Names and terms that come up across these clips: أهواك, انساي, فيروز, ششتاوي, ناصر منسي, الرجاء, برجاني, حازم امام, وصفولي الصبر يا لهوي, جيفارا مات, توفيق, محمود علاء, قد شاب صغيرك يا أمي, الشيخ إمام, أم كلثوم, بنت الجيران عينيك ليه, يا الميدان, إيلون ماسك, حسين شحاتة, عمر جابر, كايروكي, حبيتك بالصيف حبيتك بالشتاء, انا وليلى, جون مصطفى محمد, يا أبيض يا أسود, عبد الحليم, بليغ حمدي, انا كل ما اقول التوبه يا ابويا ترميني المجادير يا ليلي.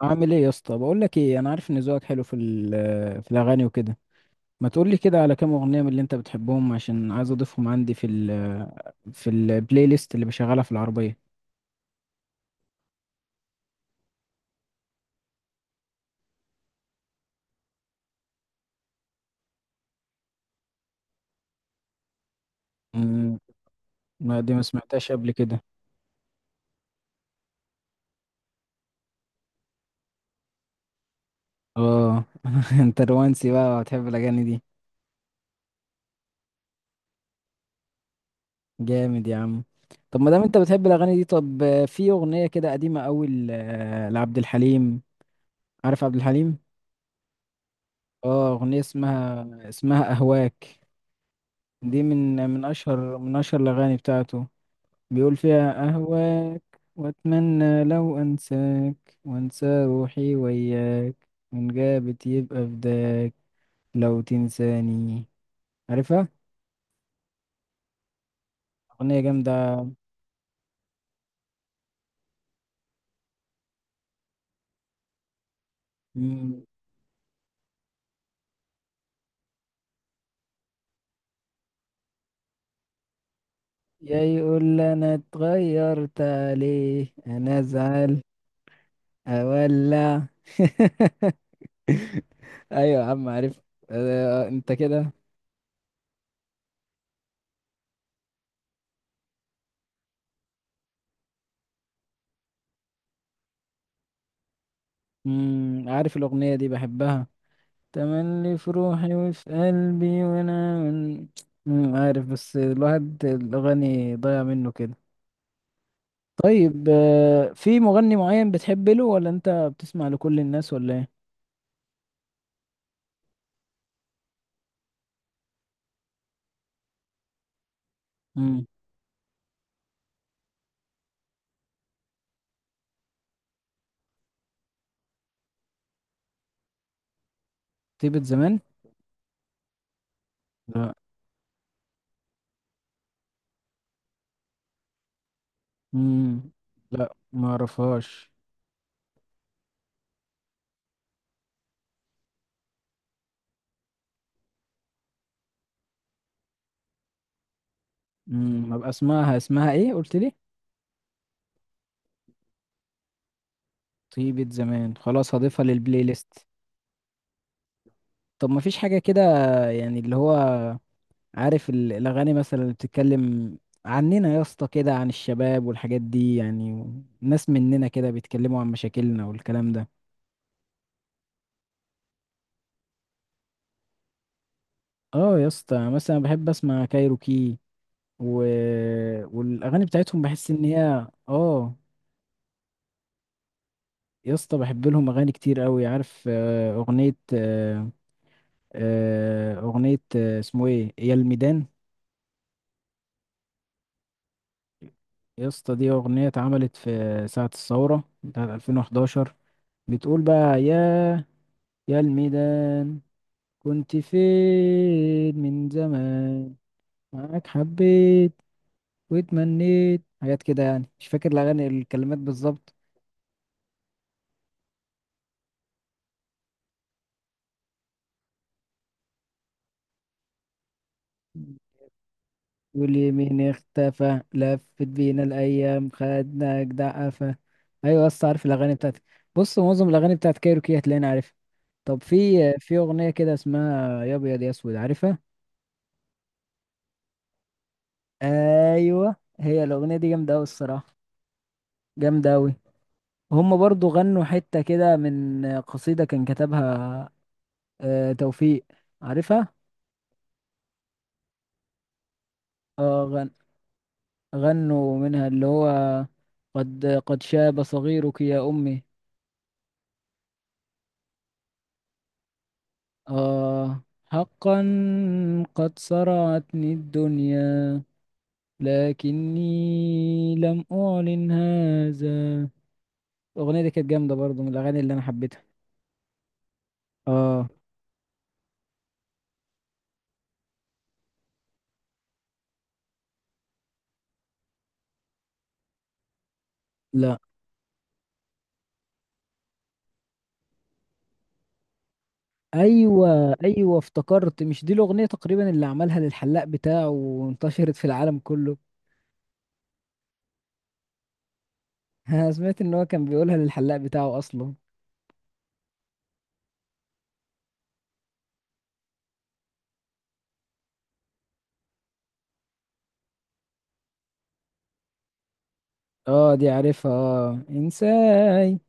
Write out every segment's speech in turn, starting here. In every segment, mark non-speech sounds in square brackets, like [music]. عامل ايه يا اسطى؟ بقول لك ايه، انا عارف ان ذوقك حلو في في الاغاني وكده. ما تقول لي كده على كام اغنيه من اللي انت بتحبهم، عشان عايز اضيفهم عندي في ال آه، في البلاي ليست اللي بشغلها في العربيه. امم ما دي ما سمعتهاش قبل كده. اه، [laughs] انت رومانسي بقى وهتحب الاغاني دي؟ جامد يا عم. طب ما دام انت بتحب الاغاني دي، طب في اغنيه كده قديمه قوي لعبد الحليم. عارف عبد الحليم؟ اه، اغنيه اسمها اهواك. دي من اشهر الاغاني بتاعته. بيقول فيها: أهواك، وأتمنى لو أنساك، وأنسى روحي وياك، وإن غابت يبقى فداك لو تنساني. عارفها؟ أغنية جامدة. مم. يا يقول لي أنا اتغيرت عليه، أنا أزعل، أولع. [laughs] أيوة يا عم، عارف. أه أنت كده. مم، عارف الأغنية دي بحبها. تملي في روحي وفي قلبي وانا من... مم، عارف، بس الواحد الاغاني ضايع منه كده. طيب في مغني معين بتحب له، ولا انت بتسمع لكل الناس، ولا ايه؟ امم. تيبت زمان. لا. امم. لا ما اعرفهاش. امم، ابقى اسمعها. اسمها ايه قلت لي؟ طيبة زمان، خلاص هضيفها للبلاي ليست. طب ما فيش حاجة كده يعني، اللي هو عارف الأغاني مثلا اللي بتتكلم عننا يا اسطى، كده عن الشباب والحاجات دي يعني، ناس مننا كده بيتكلموا عن مشاكلنا والكلام ده. اه يا اسطى، مثلا بحب اسمع كايروكي، و... والاغاني بتاعتهم بحس ان هي اه. يا اسطى بحب لهم اغاني كتير قوي. عارف آه، اغنية آه، آه، اغنية آه، اسمه ايه، يا الميدان. يا اسطى دي اغنية اتعملت في ساعة الثورة بتاعت 2011. بتقول بقى: يا الميدان، كنت فين من زمان، معاك حبيت واتمنيت حاجات كده يعني. مش فاكر الأغاني الكلمات بالظبط. واليمين اختفى، لفت بينا الأيام، خدنا جدع قفا. أيوة، بس عارف الأغاني بتاعتك، بص، معظم الأغاني بتاعت كايروكي هتلاقيني عارفها. طب في، في أغنية كده اسمها يا أبيض يا أسود، عارفها؟ أيوة، هي الأغنية دي جامدة أوي الصراحة. جامدة أوي. هما برضو غنوا حتة كده من قصيدة كان كتبها آه توفيق، عارفها؟ اه، غنوا منها اللي هو: قد شاب صغيرك يا أمي، اه، حقا قد صرعتني الدنيا، لكني لم أعلن هذا. الأغنية دي كانت جامدة برضو من الأغاني اللي أنا حبيتها. اه. لا. ايوه ايوه افتكرت، مش دي الاغنيه تقريبا اللي عملها للحلاق بتاعه وانتشرت في العالم كله؟ [laughs] انا سمعت ان هو كان بيقولها للحلاق بتاعه اصلا. اه، دي عارفها، اه، انساي.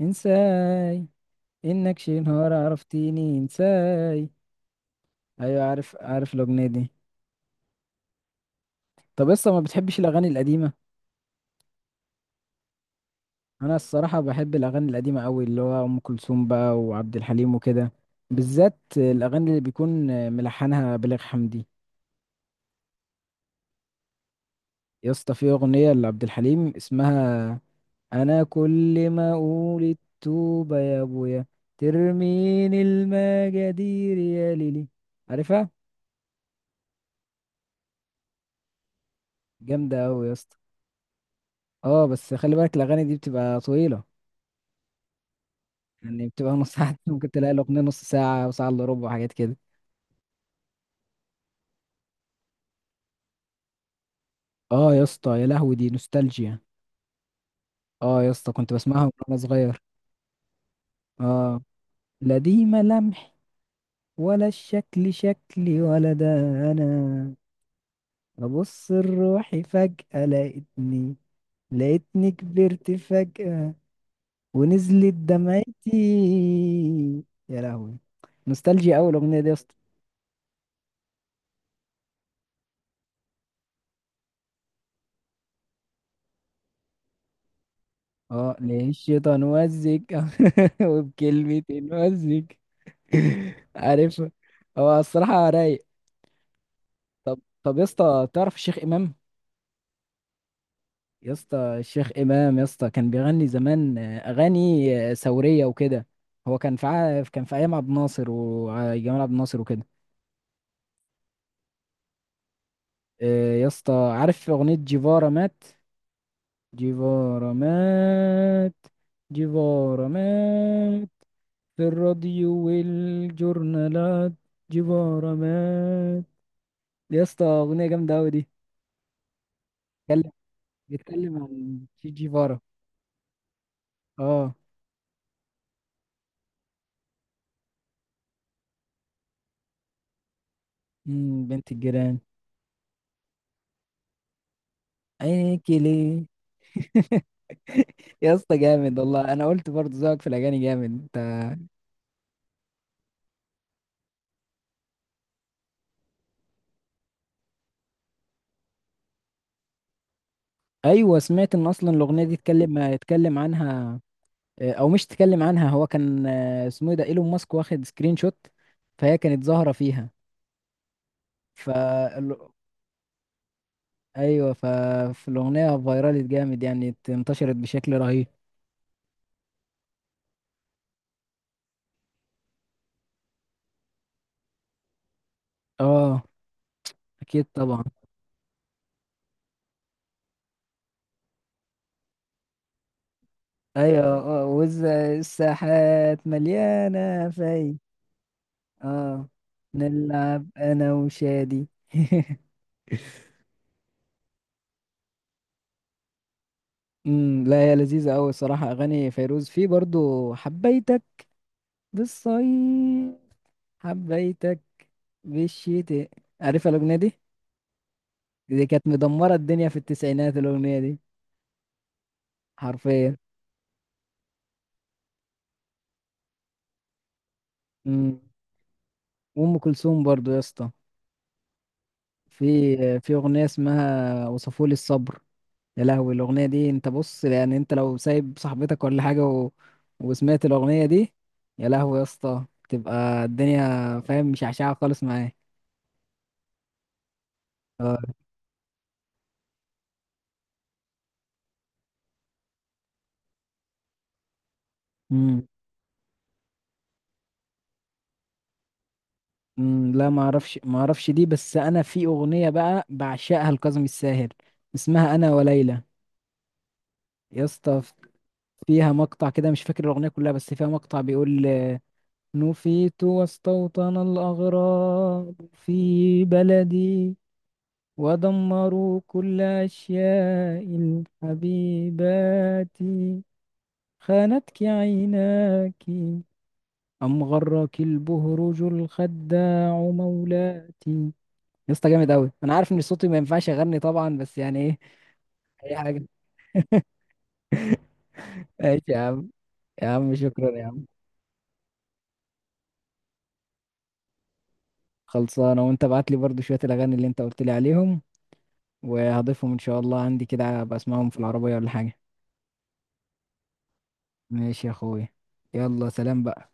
انساي، انك شي نهار عرفتيني انساي. ايوه عارف، عارف الاغنيه دي. طب لسه ما بتحبش الاغاني القديمه؟ انا الصراحه بحب الاغاني القديمه قوي، اللي هو ام كلثوم بقى وعبد الحليم وكده. بالذات الاغاني اللي بيكون ملحنها بليغ حمدي. يا اسطى في اغنيه لعبد الحليم اسمها: انا كل ما اقول التوبه يا ابويا، ترميني المجادير يا ليلي. عارفها؟ جامدة أوي يا اسطى. اه، بس خلي بالك الأغاني دي بتبقى طويلة. يعني بتبقى نص ساعة. [laughs] ممكن تلاقي الأغنية نص ساعة، وساعة إلا ربع، وحاجات كده. اه يا اسطى، يا لهوي دي نوستالجيا. اه يا اسطى كنت بسمعها وأنا صغير. اه. لا دي ملامح، ولا الشكل شكلي، ولا ده أنا. أبص لروحي فجأة لقيتني، لقيتني كبرت فجأة، ونزلت دمعتي. يا لهوي، نوستالجيا أوي الأغنية دي يا اسطى. اه، للشيطان وزك. [laughs] وبكلمة وزك. عارفها؟ [laughs] هو الصراحة رايق. طب يا اسطى تعرف الشيخ إمام؟ يا اسطى الشيخ إمام يا اسطى كان بيغني زمان أغاني ثورية وكده. هو كان في كان في أيام عبد الناصر وجمال عبد الناصر وكده. يا اسطى عارف أغنية جيفارا مات؟ جيفارا مات، جيفارا مات في الراديو والجورنالات، جيفارا مات. يا اسطى اغنيه جامده قوي دي. بيتكلم بيتكلم عن شي جيفارا. اه. امم، بنت الجيران. عينيك ليه. [laughs] يا اسطى جامد والله، انا قلت برضه ذوقك في الاغاني جامد انت. ايوه سمعت ان اصلا الاغنيه دي اتكلم عنها. او مش اتكلم عنها، هو كان اسمه إيه ده، ايلون ماسك، واخد سكرين شوت، فهي كانت ظاهره فيها. ف ايوه ففي الاغنيه فايرالت جامد، يعني انتشرت بشكل رهيب. اه، اكيد طبعا. ايوه، اه، وز الساحات مليانه في. اه. نلعب انا وشادي. [laughs] امم، لا هي لذيذه قوي الصراحه. اغاني فيروز، في برضو حبيتك بالصيف، حبيتك بالشتاء. عارفه الاغنيه دي؟ دي كانت مدمره الدنيا في التسعينات الاغنيه دي. حرفيا. امم. وام كلثوم برضو يا اسطى، في اغنيه اسمها وصفولي الصبر. يا لهوي الاغنيه دي، انت بص، يعني انت لو سايب صاحبتك ولا حاجه، و... وسمعت الاغنيه دي، يا لهوي يا اسطى تبقى الدنيا فاهم مشعشعه خالص معاك. اه. امم. أمم، لا ما اعرفش دي، بس انا في اغنيه بقى بعشقها لكاظم الساهر، اسمها انا وليلى. يا اسطى فيها مقطع كده، مش فاكر الاغنيه كلها بس فيها مقطع بيقول: نفيت واستوطن الأغراب في بلدي، ودمروا كل أشياء الحبيبات، خانتك عيناك أم غرك البهرج الخداع مولاتي. يا اسطى جامد أوي. أنا عارف إن صوتي ما ينفعش أغني طبعا بس يعني إيه، أي حاجة. ماشي يا عم، يا عم شكرا يا عم. خلصانة، وأنت ابعت لي برضو شوية الأغاني اللي أنت قلت لي عليهم، وهضيفهم إن شاء الله عندي كده، أبقى أسمعهم في العربية ولا حاجة. ماشي يا أخويا، يلا سلام بقى.